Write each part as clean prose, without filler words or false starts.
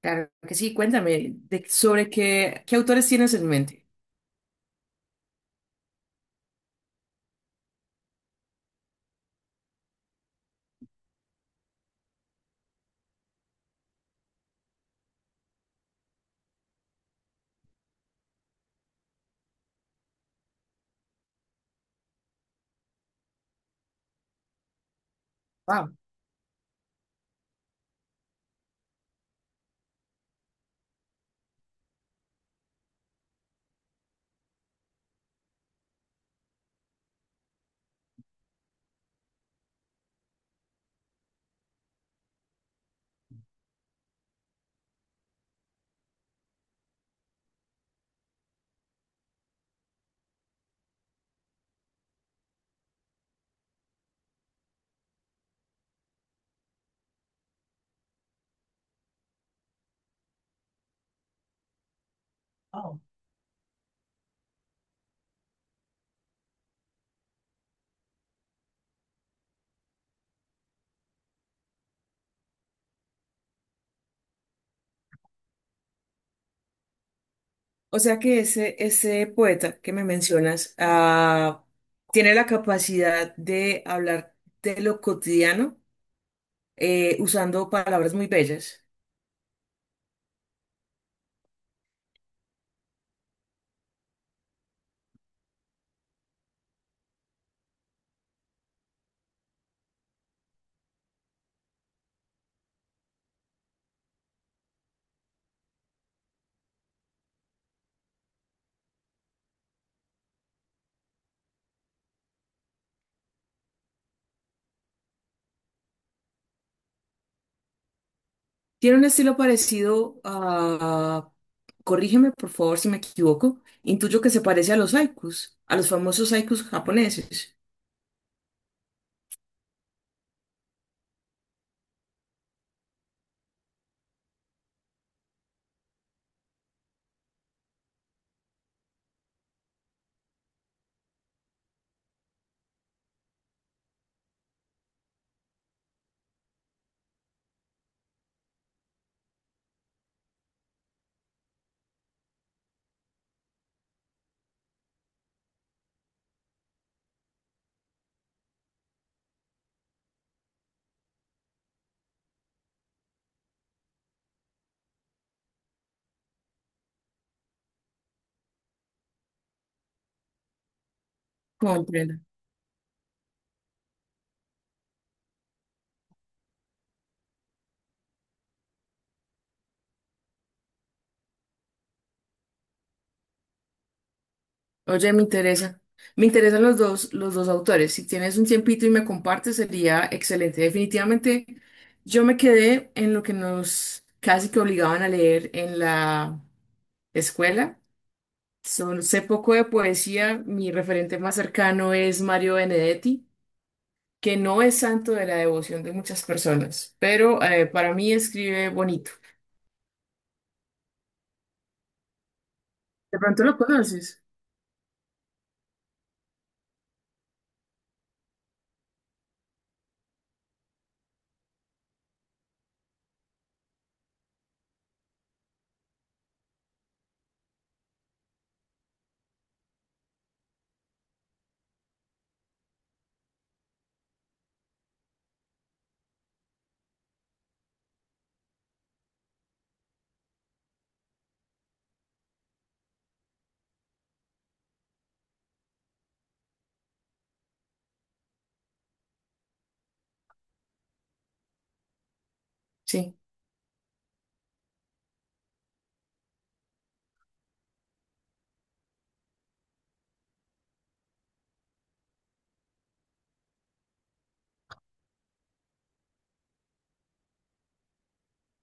Claro que sí, cuéntame sobre qué, qué autores tienes en mente. Wow. O sea que ese poeta que me mencionas, tiene la capacidad de hablar de lo cotidiano, usando palabras muy bellas. Tiene un estilo parecido a, corrígeme por favor si me equivoco, intuyo que se parece a los haikus, a los famosos haikus japoneses. Comprendo. Oye, me interesa. Me interesan los dos autores. Si tienes un tiempito y me compartes, sería excelente. Definitivamente, yo me quedé en lo que nos casi que obligaban a leer en la escuela. Sé poco de poesía. Mi referente más cercano es Mario Benedetti, que no es santo de la devoción de muchas personas, pero para mí escribe bonito. De pronto lo conoces. Sí.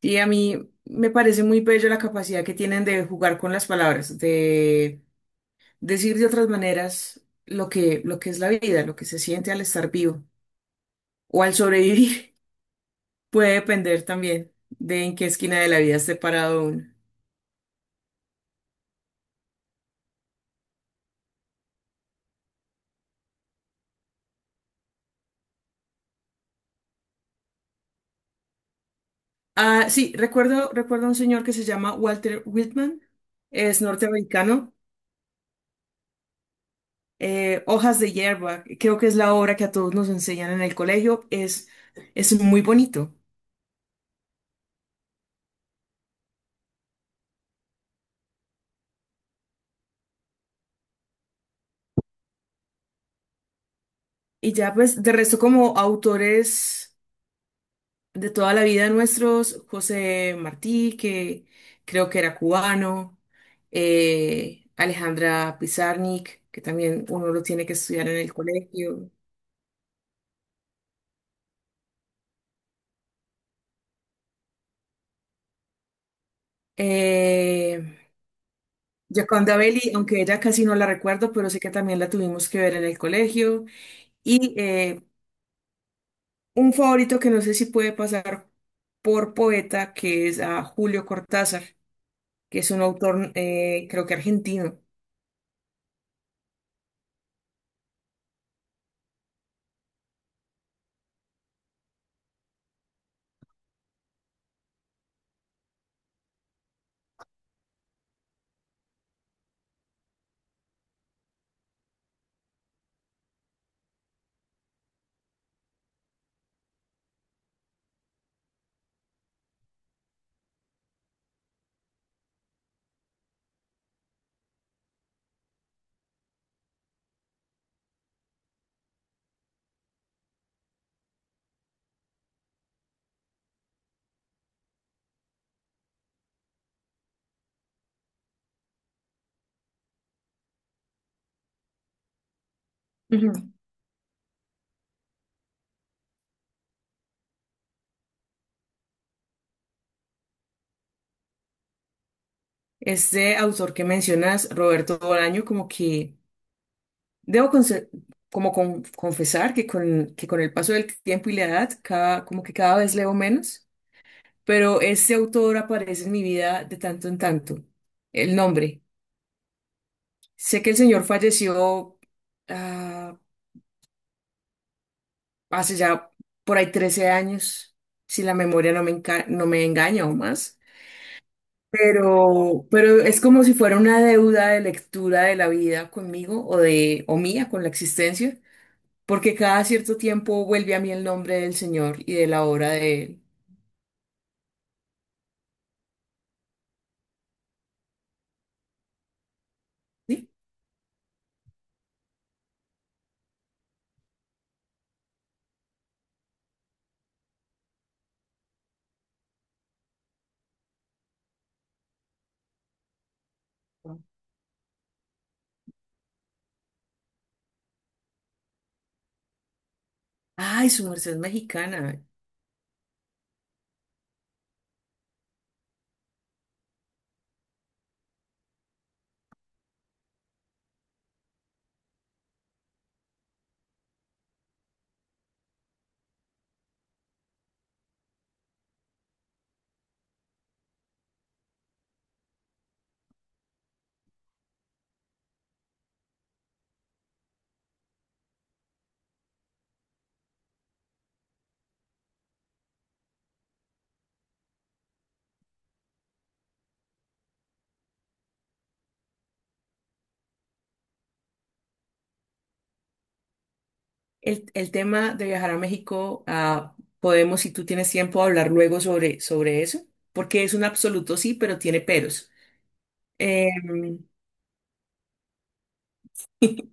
Y a mí me parece muy bello la capacidad que tienen de jugar con las palabras, de decir de otras maneras lo que es la vida, lo que se siente al estar vivo o al sobrevivir, puede depender también de en qué esquina de la vida esté parado uno. Ah, sí, recuerdo a un señor que se llama Walter Whitman, es norteamericano. Hojas de hierba, creo que es la obra que a todos nos enseñan en el colegio, es muy bonito. Y ya pues, de resto como autores de toda la vida nuestros, José Martí, que creo que era cubano, Alejandra Pizarnik, que también uno lo tiene que estudiar en el colegio. Eh, Gioconda Belli, aunque ella casi no la recuerdo, pero sé que también la tuvimos que ver en el colegio. Y un favorito que no sé si puede pasar por poeta, que es a Julio Cortázar, que es un autor, creo que argentino. Este autor que mencionas, Roberto Bolaño, como que debo conse- como confesar que con el paso del tiempo y la edad, cada, como que cada vez leo menos, pero este autor aparece en mi vida de tanto en tanto. El nombre. Sé que el señor falleció, ah, hace ya por ahí 13 años, si la memoria no me no me engaña, o más. Pero es como si fuera una deuda de lectura de la vida conmigo o mía con la existencia, porque cada cierto tiempo vuelve a mí el nombre del Señor y de la obra de él. ¿Sí? Ay, su merced es mexicana. El tema de viajar a México, ah, podemos, si tú tienes tiempo, hablar luego sobre eso, porque es un absoluto sí, pero tiene peros. Eh,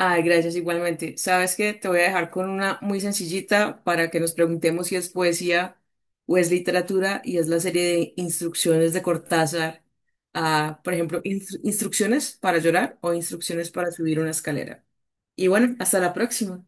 Ay, gracias igualmente. Sabes que te voy a dejar con una muy sencillita para que nos preguntemos si es poesía o es literatura, y es la serie de instrucciones de Cortázar. Ah, por ejemplo, instrucciones para llorar o instrucciones para subir una escalera. Y bueno, hasta la próxima.